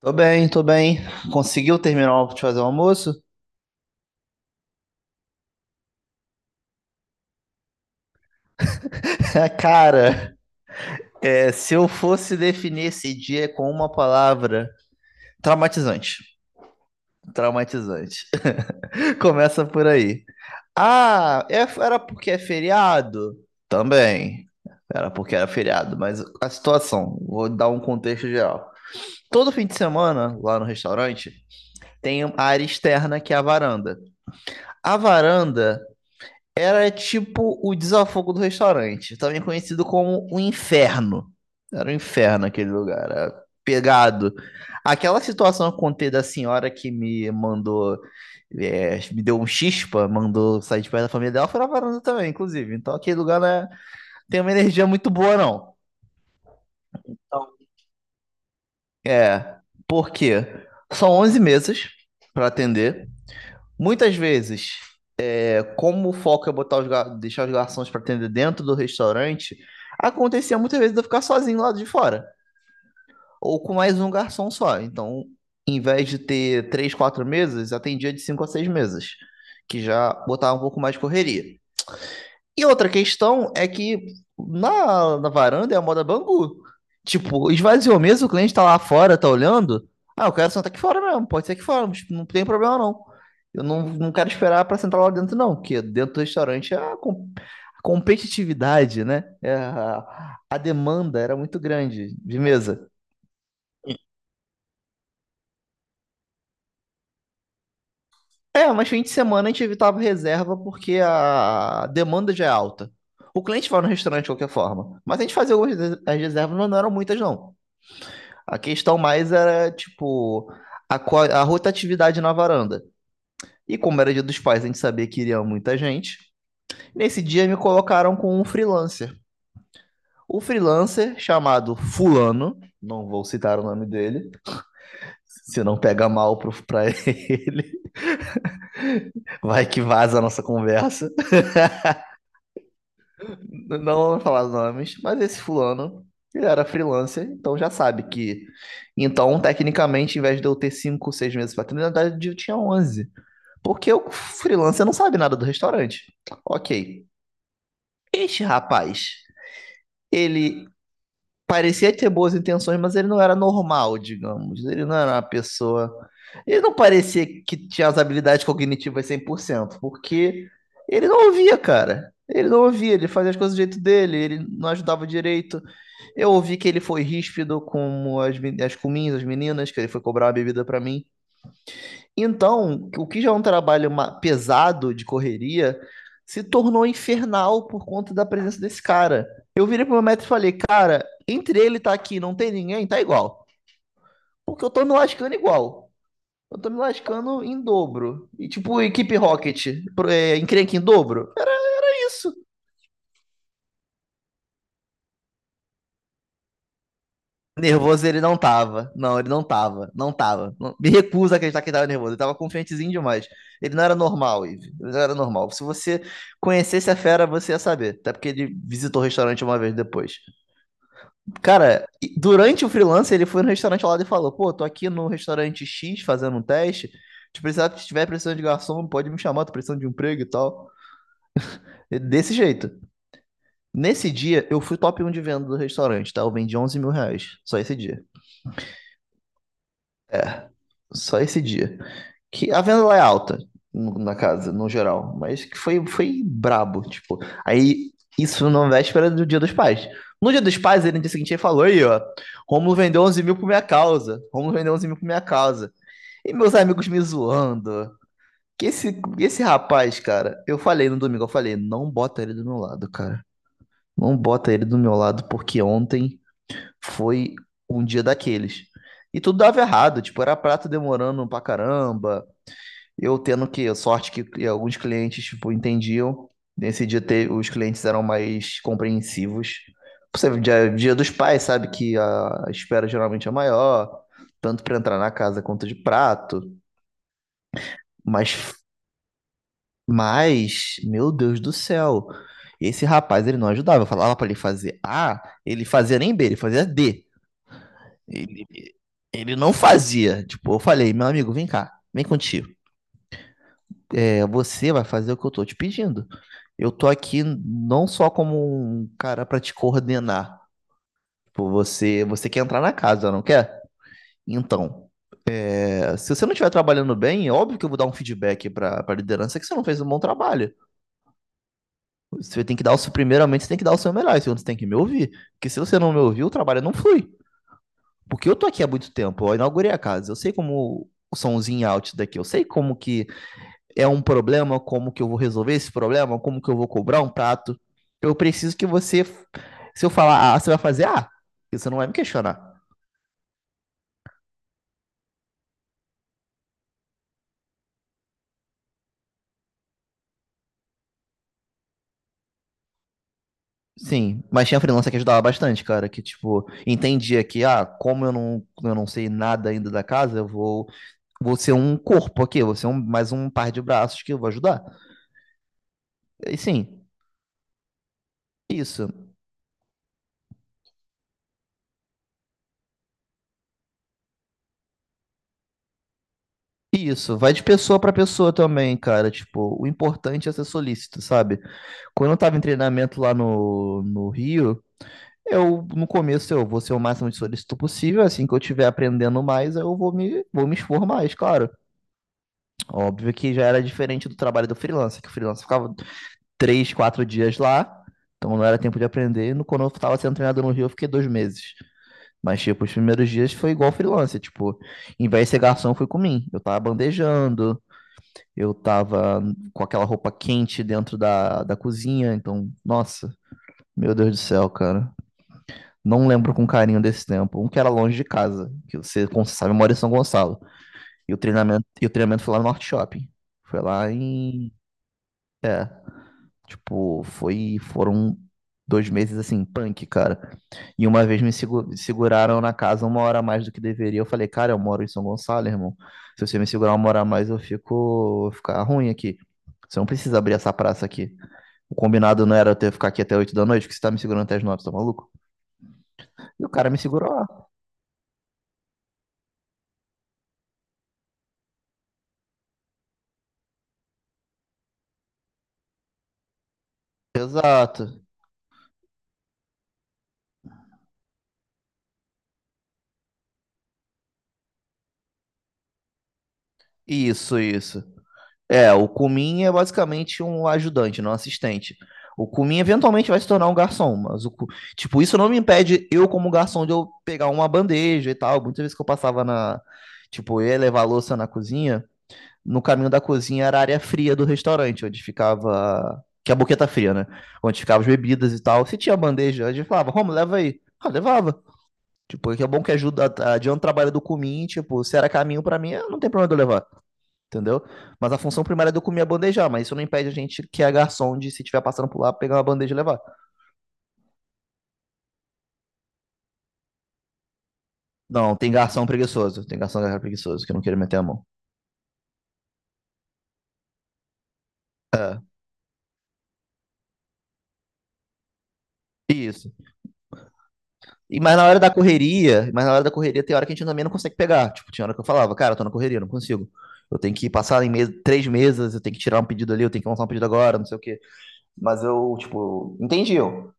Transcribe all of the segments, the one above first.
Tô bem, tô bem. Conseguiu terminar de fazer o almoço? Cara, se eu fosse definir esse dia com uma palavra, traumatizante. Traumatizante. Começa por aí. Ah, era porque é feriado? Também. Era porque era feriado, mas a situação, vou dar um contexto geral. Todo fim de semana, lá no restaurante, tem a área externa que é a varanda. A varanda era tipo o desafogo do restaurante, também conhecido como o inferno. Era um inferno aquele lugar, era pegado. Aquela situação que eu contei da senhora que me mandou, me deu um chispa, mandou sair de perto da família dela, foi na varanda também, inclusive. Então aquele lugar não tem uma energia muito boa, não. É, porque são 11 mesas para atender. Muitas vezes, como o foco é botar os deixar os garçons para atender dentro do restaurante, acontecia muitas vezes de eu ficar sozinho lá de fora, ou com mais um garçom só. Então, em vez de ter três, quatro mesas, atendia de cinco a seis mesas, que já botava um pouco mais de correria. E outra questão é que na varanda é a moda Bangu. Tipo, esvaziou mesmo, o cliente tá lá fora, tá olhando. Ah, eu quero sentar aqui fora mesmo, pode ser aqui fora, mas não tem problema não. Eu não quero esperar pra sentar lá dentro, não, porque dentro do restaurante é a competitividade, né? É a demanda era muito grande de mesa. É, mas fim de semana a gente evitava reserva porque a demanda já é alta. O cliente vai no restaurante de qualquer forma, mas a gente fazia algumas reservas, mas não eram muitas, não. A questão mais era, tipo, a rotatividade na varanda. E como era dia dos pais, a gente sabia que iria muita gente. Nesse dia me colocaram com um freelancer. O freelancer, chamado Fulano, não vou citar o nome dele, se não pega mal pra ele, vai que vaza a nossa conversa. Não vou falar nomes, mas esse Fulano, ele era freelancer, então já sabe que. Então, tecnicamente, em vez de eu ter 5, 6 meses para treinar, na verdade, eu tinha 11. Porque o freelancer não sabe nada do restaurante. Ok. Este rapaz, ele parecia ter boas intenções, mas ele não era normal, digamos. Ele não era uma pessoa. Ele não parecia que tinha as habilidades cognitivas 100%, porque ele não ouvia, cara. Ele não ouvia, ele fazia as coisas do jeito dele, ele não ajudava direito. Eu ouvi que ele foi ríspido com as cominhas, as meninas, que ele foi cobrar uma bebida pra mim. Então, o que já é um trabalho pesado de correria se tornou infernal por conta da presença desse cara. Eu virei pro meu médico e falei, cara, entre ele tá aqui e não tem ninguém, tá igual. Porque eu tô me lascando igual. Eu tô me lascando em dobro. E tipo, equipe Rocket, encrenca em dobro. É isso. Nervoso ele não tava. Não, ele não tava. Não tava. Me recuso a acreditar que ele tava nervoso. Ele tava confiantezinho demais. Ele não era normal, Ive. Ele não era normal. Se você conhecesse a fera, você ia saber. Até porque ele visitou o restaurante uma vez depois. Cara, e durante o freelance, ele foi no restaurante ao lado e falou: Pô, tô aqui no restaurante X fazendo um teste. Se precisar, se tiver precisando de garçom, pode me chamar, tô precisando de um emprego e tal. E desse jeito. Nesse dia, eu fui top 1 de venda do restaurante, tá? Eu vendi 11 mil reais. Só esse dia. Só esse dia, que a venda lá é alta na casa, no geral, mas que foi brabo, tipo. Aí, isso na véspera do Dia dos Pais. No Dia dos Pais, ele no dia seguinte ele falou aí, ó, Rômulo vendeu 11 mil por minha causa, Rômulo vendeu 11 mil por minha causa. E meus amigos me zoando. Que esse rapaz, cara, eu falei no domingo, eu falei, não bota ele do meu lado, cara. Não bota ele do meu lado, porque ontem foi um dia daqueles. E tudo dava errado, tipo, era prato demorando pra caramba, eu tendo que, sorte que alguns clientes, tipo, entendiam. Nesse dia os clientes eram mais compreensivos. Você, dia dos pais, sabe que a espera geralmente é maior, tanto para entrar na casa quanto de prato. Mas, mas, meu Deus do céu, esse rapaz, ele não ajudava. Eu falava para ele fazer A, ele fazia nem B, ele fazia D. Ele, ele não fazia. Tipo, eu falei, meu amigo, vem cá, vem contigo. É, você vai fazer o que eu tô te pedindo. Eu tô aqui não só como um cara pra te coordenar. Tipo, você quer entrar na casa, não quer? Então, se você não estiver trabalhando bem, é óbvio que eu vou dar um feedback pra liderança que você não fez um bom trabalho. Você tem que dar o seu, primeiramente, você tem que dar o seu melhor, e segundo, você tem que me ouvir. Porque se você não me ouviu, o trabalho não flui. Porque eu tô aqui há muito tempo, eu inaugurei a casa, eu sei como o somzinho out daqui, eu sei como que é um problema, como que eu vou resolver esse problema, como que eu vou cobrar um prato. Eu preciso que você, se eu falar A, você vai fazer A, você não vai me questionar. Sim, mas tinha freelancer que ajudava bastante, cara, que tipo, entendia que, ah, como eu não sei nada ainda da casa, eu vou ser um corpo aqui, eu vou ser mais um par de braços que eu vou ajudar. E sim, isso. Isso, vai de pessoa para pessoa também, cara. Tipo, o importante é ser solícito, sabe? Quando eu tava em treinamento lá no Rio, eu, no começo, eu vou ser o máximo de solícito possível. Assim que eu estiver aprendendo mais, eu vou me expor mais, claro. Óbvio que já era diferente do trabalho do freelancer, que o freelancer ficava três, quatro dias lá, então não era tempo de aprender. Quando eu estava sendo treinado no Rio, eu fiquei 2 meses. Mas, tipo, os primeiros dias foi igual freelancer. Tipo, em vez de ser garçom, fui comigo. Eu tava bandejando, eu tava com aquela roupa quente dentro da cozinha. Então, nossa, meu Deus do céu, cara. Não lembro com carinho desse tempo. Um que era longe de casa, que você, como você sabe, mora em São Gonçalo. E o treinamento foi lá no Norte Shopping. Foi lá em. É, tipo, foram 2 meses assim, punk, cara. E uma vez me seguraram na casa uma hora a mais do que deveria. Eu falei, cara, eu moro em São Gonçalo, irmão. Se você me segurar uma hora a mais, vou ficar ruim aqui. Você não precisa abrir essa praça aqui. O combinado não era eu ter ficar aqui até 8 da noite, porque você tá me segurando até as 9, tá maluco? E o cara me segurou lá. Exato. Isso, isso. É, o Kumin é basicamente um ajudante, não um assistente. O Kumin eventualmente vai se tornar um garçom, mas tipo, isso não me impede eu como garçom de eu pegar uma bandeja e tal. Muitas vezes que eu passava tipo, eu ia levar a louça na cozinha, no caminho da cozinha era a área fria do restaurante, onde ficava, que é a boqueta fria, né? Onde ficavam as bebidas e tal. Se tinha bandeja, a gente falava, Romo, leva aí. Ah, levava. Tipo, é que é bom que ajuda, adianta o trabalho do Kumin, tipo, se era caminho pra mim, ah, não tem problema de eu levar, entendeu? Mas a função primária é do comer é bandejar, mas isso não impede a gente que é garçom de, se tiver passando por lá, pegar uma bandeja e levar. Não, tem garçom preguiçoso que não quer meter a mão. Isso. E mas na hora da correria, mas na hora da correria tem hora que a gente também não consegue pegar. Tipo, tinha hora que eu falava, cara, eu tô na correria, não consigo. Eu tenho que passar em mesa, três mesas, eu tenho que tirar um pedido ali, eu tenho que lançar um pedido agora, não sei o quê. Mas eu, tipo, entendi. Eu.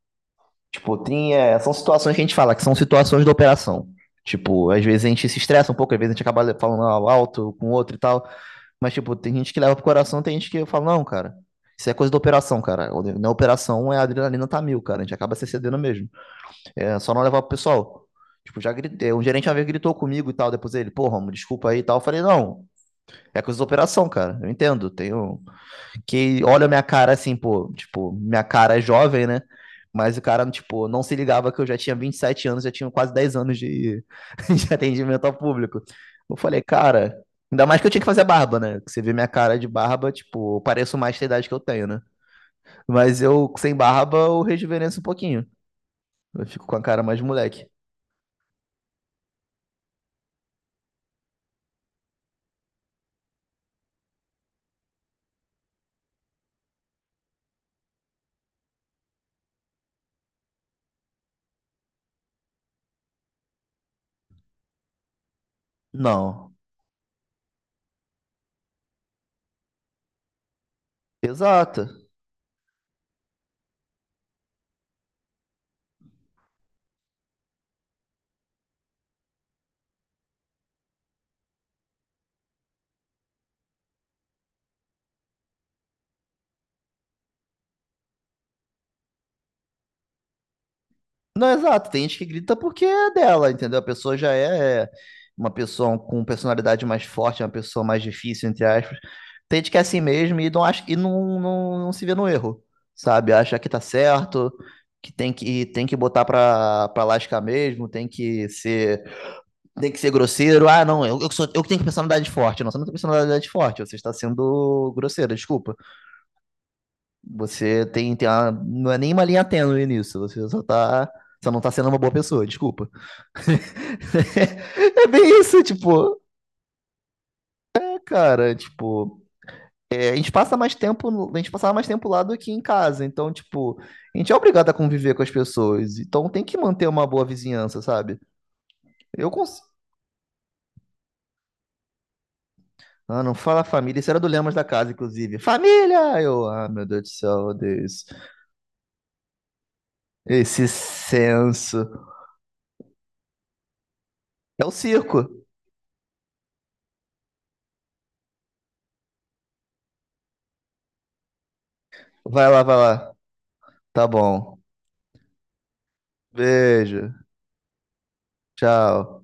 Tipo, são situações que a gente fala que são situações da operação. Tipo, às vezes a gente se estressa um pouco, às vezes a gente acaba falando alto com o outro e tal. Mas, tipo, tem gente que leva pro coração, tem gente que fala, não, cara, isso é coisa da operação, cara. Na operação, a adrenalina tá mil, cara. A gente acaba se cedendo mesmo. É só não levar pro pessoal. Tipo, já gritei. Um gerente uma vez gritou comigo e tal. Depois ele, pô, Romulo, desculpa aí e tal. Eu falei, não, é coisa da operação, cara. Eu entendo. Tenho que olha minha cara assim, pô, tipo, minha cara é jovem, né? Mas o cara, tipo, não se ligava que eu já tinha 27 anos, já tinha quase 10 anos de, de atendimento ao público. Eu falei, cara, ainda mais que eu tinha que fazer barba, né? Que você vê minha cara de barba, tipo, eu pareço mais da idade que eu tenho, né? Mas eu, sem barba, eu rejuvenesço um pouquinho. Eu fico com a cara mais de moleque. Não. Exato. Não, exato. Tem gente que grita porque é dela, entendeu? A pessoa já é uma pessoa com personalidade mais forte, uma pessoa mais difícil, entre aspas. Tem gente que é assim mesmo e não acha e não se vê no erro, sabe? Acha que tá certo, que tem que botar pra lascar mesmo, tem que ser grosseiro. Ah, não, eu que tenho personalidade forte. Não, você não tem personalidade forte, você está sendo grosseiro, desculpa. Você tem uma, não é nenhuma linha tênue nisso, você não tá sendo uma boa pessoa, desculpa. É bem isso, tipo, cara, tipo, a gente passava mais tempo lá do que em casa, então, tipo, a gente é obrigado a conviver com as pessoas, então tem que manter uma boa vizinhança, sabe? Eu consigo. Ah, não fala família, isso era do Lemos da casa, inclusive. Família! Eu, meu Deus do céu, Deus. Esse senso. É o circo. Vai lá, vai lá. Tá bom. Beijo. Tchau.